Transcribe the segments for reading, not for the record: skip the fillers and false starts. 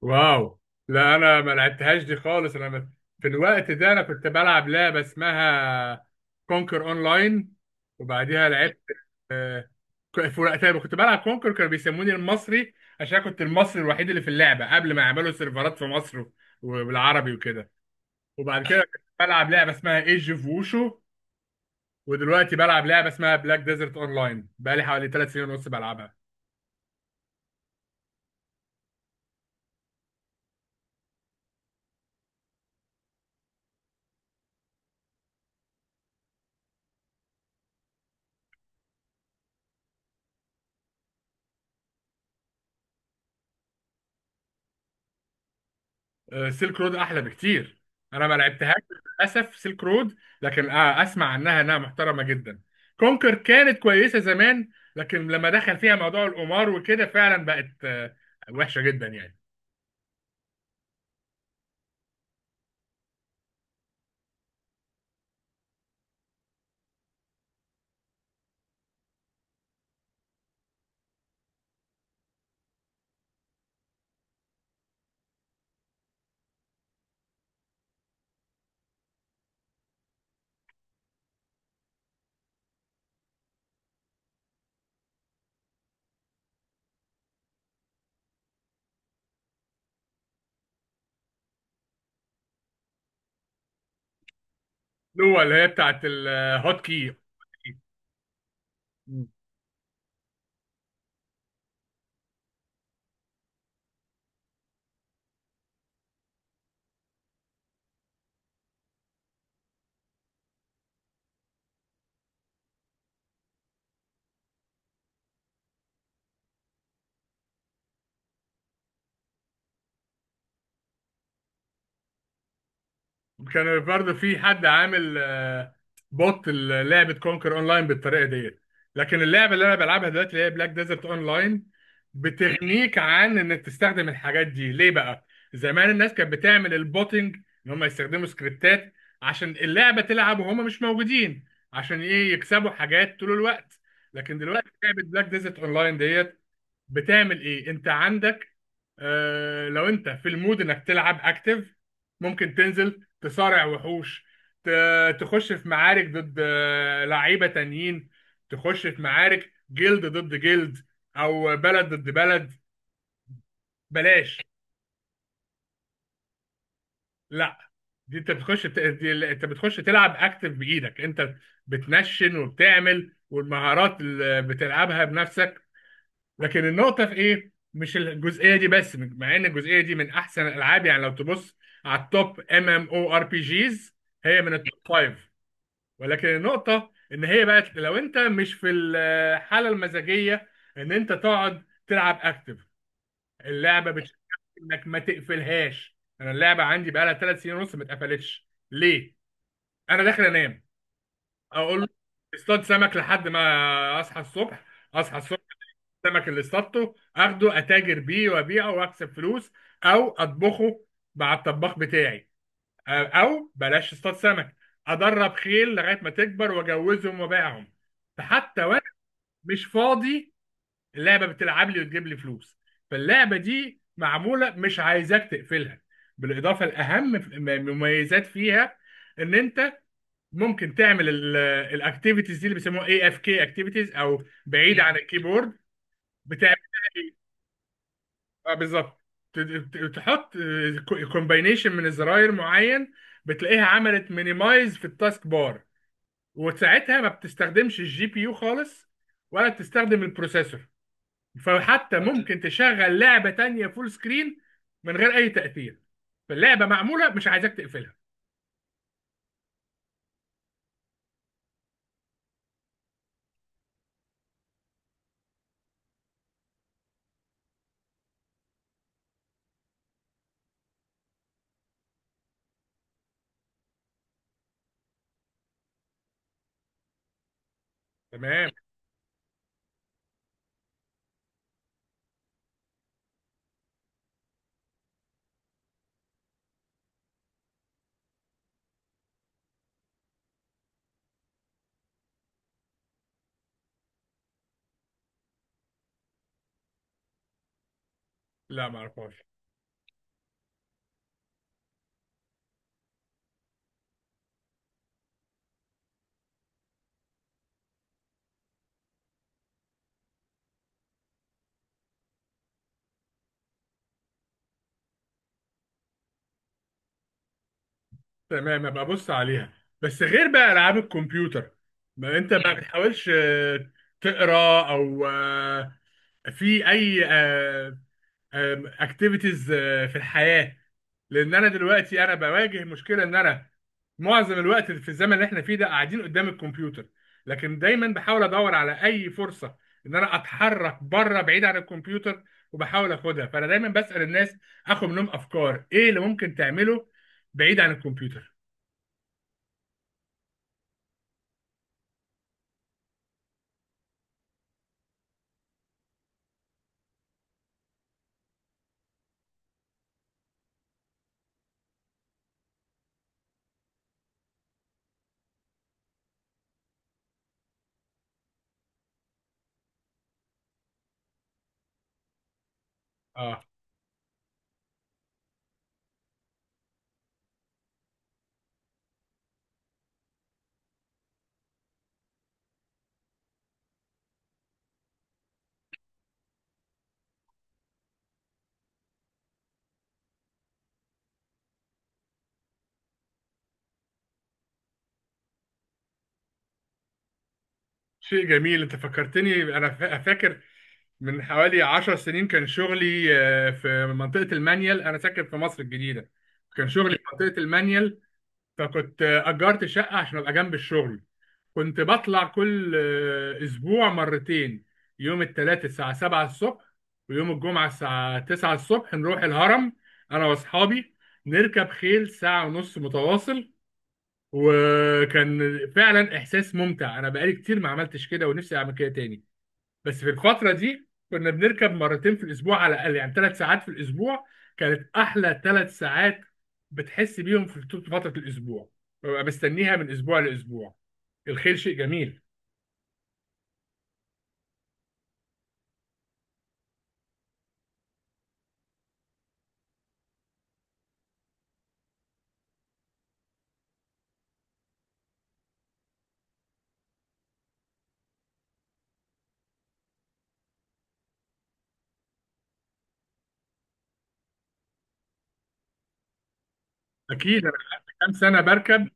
واو. لا، انا ما لعبتهاش دي خالص. في الوقت ده انا كنت بلعب لعبه اسمها كونكر اونلاين، وبعديها لعبت. آه، في وقتها كنت بلعب كونكر، كانوا بيسموني المصري عشان كنت المصري الوحيد اللي في اللعبه قبل ما يعملوا سيرفرات في مصر وبالعربي وكده. وبعد كده كنت بلعب لعبه اسمها ايج اوف ووشو، ودلوقتي بلعب لعبه اسمها بلاك ديزرت اونلاين بقالي حوالي 3 سنين ونص بلعبها. سيلك رود احلى بكتير، انا ما لعبتهاش للاسف سيلك رود، لكن اسمع عنها انها محترمه جدا. كونكر كانت كويسه زمان، لكن لما دخل فيها موضوع القمار وكده فعلا بقت وحشه جدا يعني. اللي هو اللي هي بتاعت الهوت كي. كان النهارده في حد عامل بوت لعبه كونكر اونلاين بالطريقه ديت، لكن اللعبه اللي انا بلعبها دلوقتي اللي هي بلاك ديزرت اونلاين بتغنيك عن انك تستخدم الحاجات دي. ليه بقى؟ زمان الناس كانت بتعمل البوتنج، ان هم يستخدموا سكريبتات عشان اللعبه تلعب وهم مش موجودين، عشان ايه؟ يكسبوا حاجات طول الوقت. لكن دلوقتي لعبه بلاك ديزرت اونلاين ديت بتعمل ايه؟ انت عندك، آه، لو انت في المود انك تلعب اكتف، ممكن تنزل تصارع وحوش، تخش في معارك ضد لعيبة تانيين، تخش في معارك جلد ضد جلد او بلد ضد بلد. بلاش. لا، دي انت بتخش دي انت بتخش تلعب اكتف بايدك انت، بتنشن وبتعمل، والمهارات اللي بتلعبها بنفسك. لكن النقطة في إيه؟ مش الجزئية دي بس، مع إن الجزئية دي من أحسن الألعاب يعني، لو تبص على التوب ام ام او ار بي جيز هي من التوب فايف. ولكن النقطة إن هي بقت لو أنت مش في الحالة المزاجية إن أنت تقعد تلعب أكتف، اللعبة بتشجعك إنك ما تقفلهاش. أنا اللعبة عندي بقالها 3 سنين ونص ما اتقفلتش. ليه؟ أنا داخل أنام، أقول اصطاد سمك لحد ما أصحى الصبح. أصحى الصبح، السمك اللي اصطادته اخده اتاجر بيه وابيعه واكسب فلوس، او اطبخه مع الطباخ بتاعي. او بلاش اصطاد سمك، ادرب خيل لغايه ما تكبر واجوزهم وابيعهم. فحتى وانا مش فاضي، اللعبه بتلعب لي وتجيب لي فلوس. فاللعبه دي معموله مش عايزاك تقفلها. بالاضافه الاهم، مميزات فيها ان انت ممكن تعمل الاكتيفيتيز دي اللي بيسموها اي اف كي اكتيفيتيز، او بعيد عن الكيبورد. بتعمل، اه بالظبط، تحط كومباينيشن من الزراير معين، بتلاقيها عملت مينيمايز في التاسك بار، وساعتها ما بتستخدمش الجي بي يو خالص، ولا بتستخدم البروسيسور، فحتى ممكن تشغل لعبة تانية فول سكرين من غير اي تأثير. فاللعبة معمولة مش عايزاك تقفلها. تمام. لا، ما اعرفهاش. تمام، ابقى ابص عليها. بس غير بقى العاب الكمبيوتر، ما انت ما بتحاولش تقرا او في اي اكتيفيتيز في الحياه؟ لان انا دلوقتي انا بواجه مشكله ان انا معظم الوقت في الزمن اللي احنا فيه ده قاعدين قدام الكمبيوتر، لكن دايما بحاول ادور على اي فرصه ان انا اتحرك بره بعيد عن الكمبيوتر، وبحاول اخدها. فانا دايما بسال الناس، اخد منهم افكار ايه اللي ممكن تعمله بعيد عن الكمبيوتر. اه، شيء جميل. انت فكرتني، انا فاكر من حوالي 10 سنين كان شغلي في منطقة المانيال. انا ساكن في مصر الجديدة، كان شغلي في منطقة المانيال، فكنت اجرت شقة عشان ابقى جنب الشغل. كنت بطلع كل اسبوع مرتين، يوم الثلاث الساعة 7 الصبح، ويوم الجمعة الساعة 9 الصبح نروح الهرم، انا واصحابي، نركب خيل ساعة ونص متواصل. وكان فعلا احساس ممتع. انا بقالي كتير ما عملتش كده، ونفسي اعمل كده تاني. بس في الفتره دي كنا بنركب مرتين في الاسبوع على الاقل، يعني ثلاث ساعات في الاسبوع، كانت احلى 3 ساعات، بتحس بيهم في طول فتره الاسبوع، ببقى مستنيها من اسبوع لاسبوع. الخيل شيء جميل. اكيد، انا قعدت كام سنه بركب.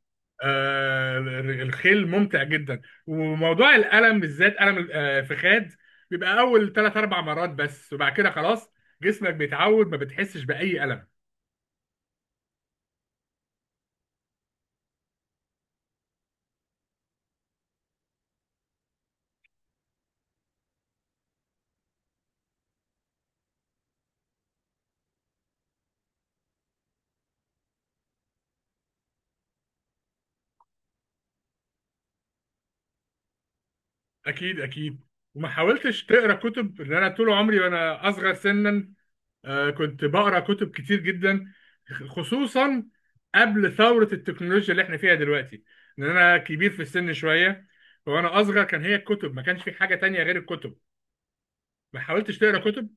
آه، الخيل ممتع جدا. وموضوع الالم بالذات الم الفخاد، بيبقى اول 3 أو 4 مرات بس، وبعد كده خلاص جسمك بيتعود ما بتحسش باي الم. اكيد اكيد. وما حاولتش تقرا كتب؟ لان انا طول عمري وانا اصغر سنا كنت بقرا كتب كتير جدا، خصوصا قبل ثوره التكنولوجيا اللي احنا فيها دلوقتي، لان انا كبير في السن شويه، وانا اصغر كان هي الكتب، ما كانش في حاجه تانية غير الكتب. ما حاولتش تقرا كتب؟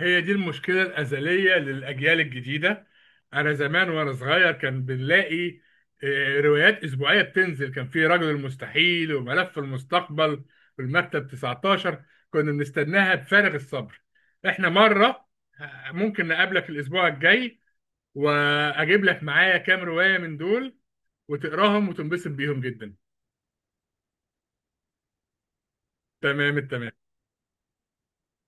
هي دي المشكلة الأزلية للأجيال الجديدة. أنا زمان وأنا صغير كان بنلاقي روايات أسبوعية بتنزل، كان في رجل المستحيل وملف المستقبل والمكتب 19، كنا بنستناها بفارغ الصبر. إحنا مرة، ممكن نقابلك الأسبوع الجاي، وأجيب لك معايا كام رواية من دول وتقراهم وتنبسط بيهم جدا. تمام التمام.